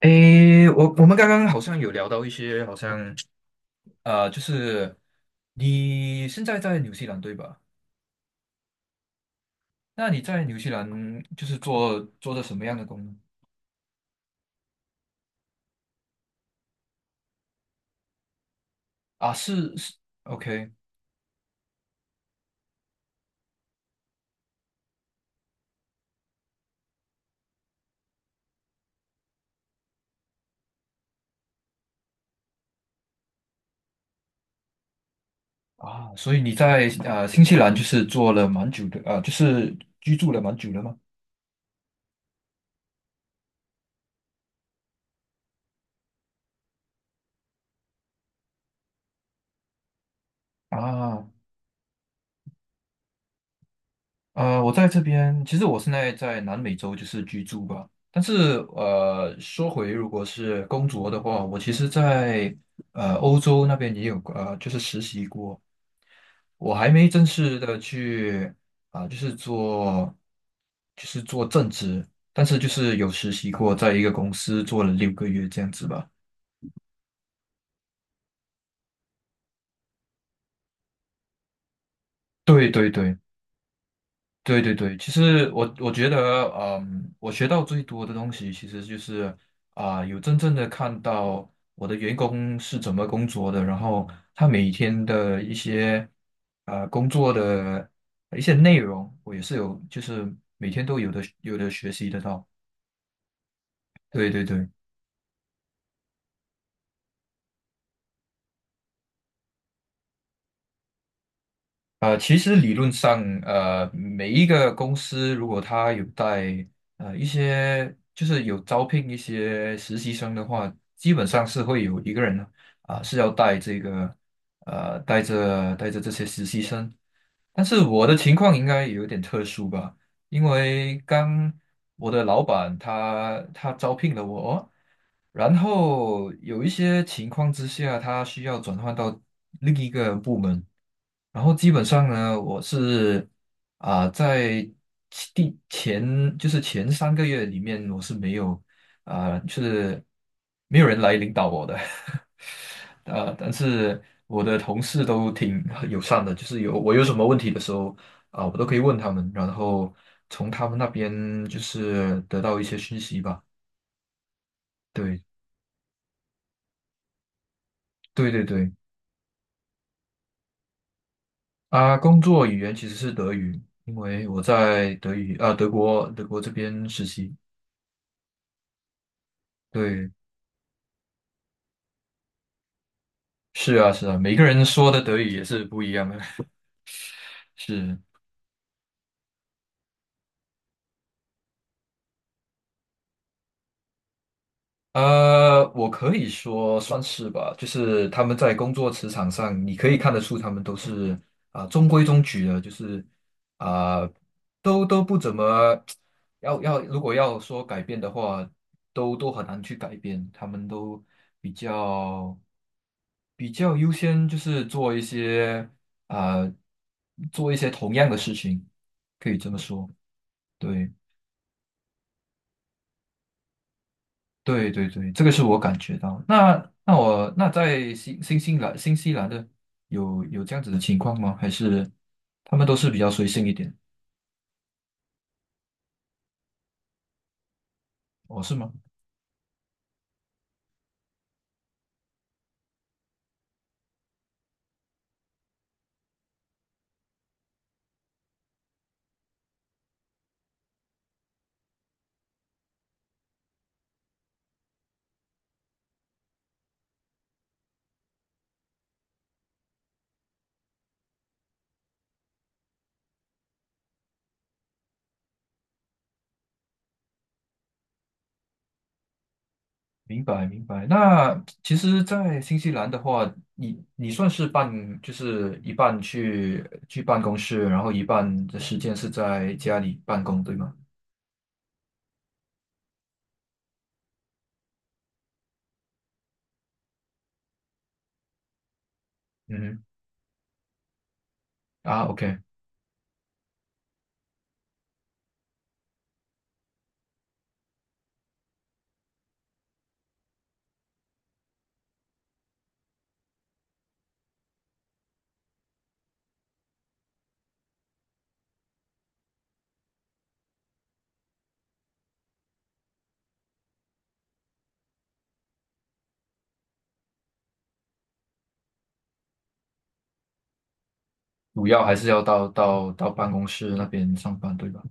诶，我们刚刚好像有聊到一些，好像就是你现在在纽西兰对吧？那你在纽西兰就是做的什么样的工呢？啊，是是，OK。 啊，所以你在新西兰就是做了蛮久的，啊，就是居住了蛮久了吗？啊，我在这边，其实我现在在南美洲就是居住吧。但是说回如果是工作的话，我其实在欧洲那边也有就是实习过。我还没正式的去啊、就是做就是做正职，但是就是有实习过，在一个公司做了6个月这样子吧。对对对。对对对，其实我觉得，我学到最多的东西其实就是有真正的看到我的员工是怎么工作的，然后他每天的一些工作的一些内容，我也是有，就是每天都有的学习得到。对对对。其实理论上，每一个公司如果他有带一些，就是有招聘一些实习生的话，基本上是会有一个人是要带这个带着这些实习生。但是我的情况应该有点特殊吧，因为刚我的老板他招聘了我，然后有一些情况之下，他需要转换到另一个部门。然后基本上呢，我是在其第前就是前3个月里面，我是没有就是没有人来领导我的，但是我的同事都挺友善的，就是我有什么问题的时候我都可以问他们，然后从他们那边就是得到一些讯息吧。对，对对对，啊，工作语言其实是德语，因为我在德语啊、德国德国这边实习。对，是啊，是啊，每个人说的德语也是不一样的。是，我可以说算是吧，就是他们在工作职场上，你可以看得出他们都是中规中矩的，就是啊、都不怎么 要，如果要说改变的话，都很难去改变，他们都比较比较优先，就是啊、做一些同样的事情，可以这么说，对。对对对，这个是我感觉到。那我在新西兰的有这样子的情况吗？还是他们都是比较随性一点？哦，是吗？明白明白。那其实，在新西兰的话，你算是就是一半去办公室，然后一半的时间是在家里办公，对吗？嗯哼啊，OK。主要还是要到办公室那边上班，对吧？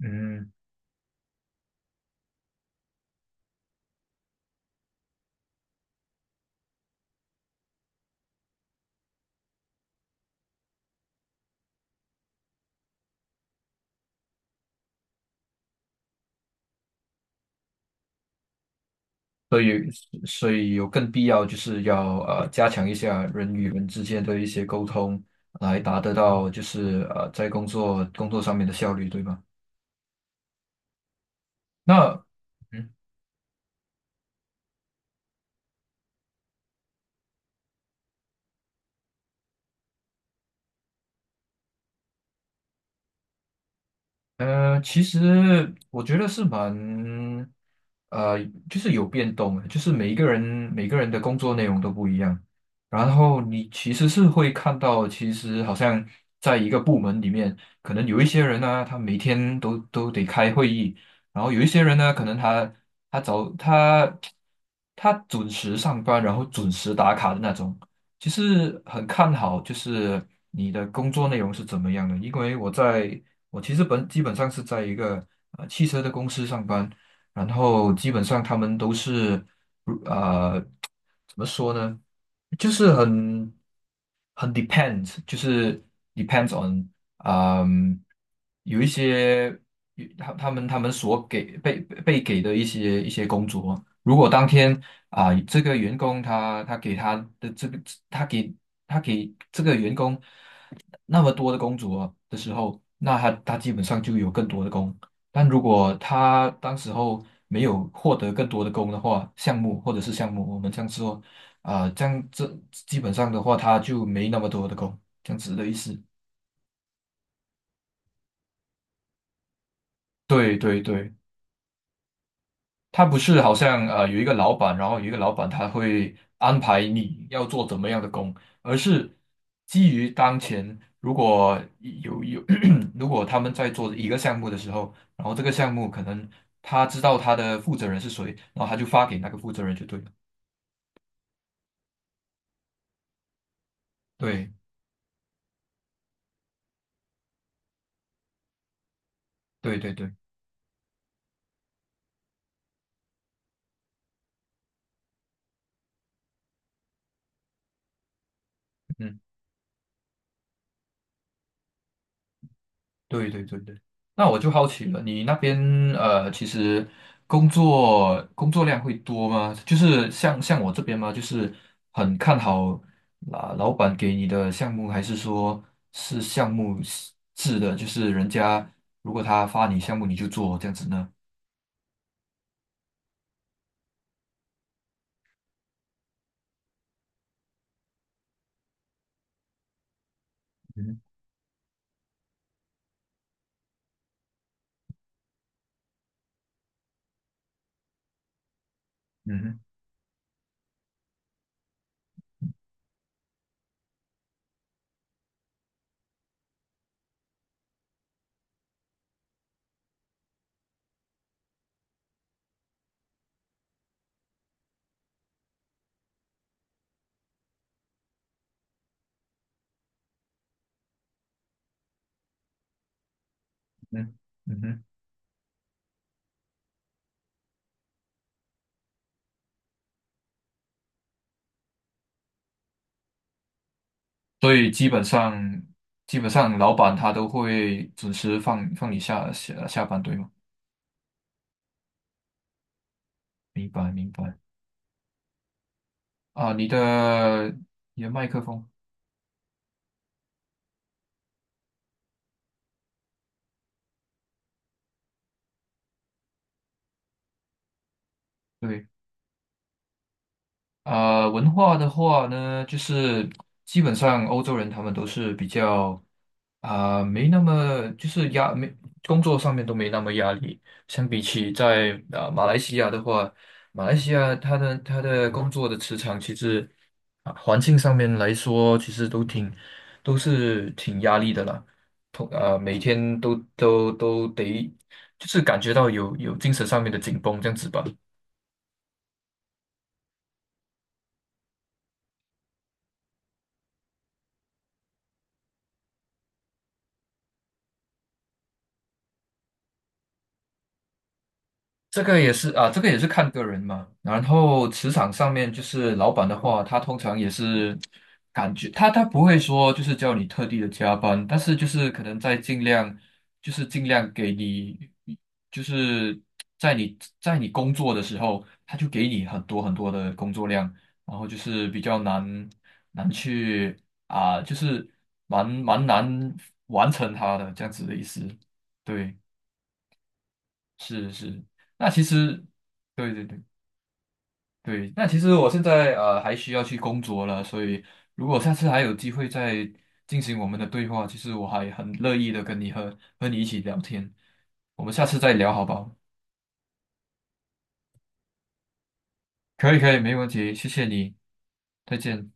嗯。所以所以有更必要就是要加强一下人与人之间的一些沟通，来达得到就是在工作上面的效率，对吧？那嗯。其实我觉得是蛮，呃，就是有变动的就是每个人的工作内容都不一样，然后你其实是会看到，其实好像在一个部门里面，可能有一些人呢，他每天都得开会议，然后有一些人呢，可能他他早他他准时上班，然后准时打卡的那种，其实很看好，就是你的工作内容是怎么样的。因为我其实基本上是在一个汽车的公司上班，然后基本上他们都是，怎么说呢？就是很 depends，就是 depends on，嗯，有一些有他他们他们所给被被给的一些工作，如果当天这个员工他给他的这个他给他给这个员工那么多的工作的时候，那他基本上就有更多的工。但如果他当时候没有获得更多的工的话，项目或者是项目，我们这样说，啊，这样这基本上的话，他就没那么多的工，这样子的意思。对对对，他不是好像有一个老板，然后有一个老板他会安排你要做怎么样的工，而是基于当前，如果有 如果他们在做一个项目的时候，然后这个项目可能他知道他的负责人是谁，然后他就发给那个负责人就对了。对对对对，嗯。对对对对，那我就好奇了，你那边其实工作量会多吗？就是像我这边吗？就是很看好啊，老板给你的项目，还是说是项目制的？就是人家如果他发你项目，你就做这样子呢？嗯哼嗯哼嗯哼嗯哼，所以基本上老板他都会准时放你下班，对吗？明白明白啊，你的麦克风。对，文化的话呢，就是基本上欧洲人他们都是比较没那么就是压没工作上面都没那么压力，相比起在马来西亚的话，马来西亚它的工作的磁场其实环境上面来说，其实都挺压力的啦，每天都得就是感觉到有精神上面的紧绷这样子吧。这个也是啊，这个也是看个人嘛。然后职场上面就是老板的话，他通常也是感觉他不会说就是叫你特地的加班，但是就是可能在尽量给你，就是在你工作的时候，他就给你很多很多的工作量，然后就是比较难去就是蛮难完成他的这样子的意思，对。是是，那其实，对对对对，那其实我现在还需要去工作了，所以如果下次还有机会再进行我们的对话，其实我还很乐意的跟你和你一起聊天，我们下次再聊好不好？可以可以，没问题，谢谢你，再见。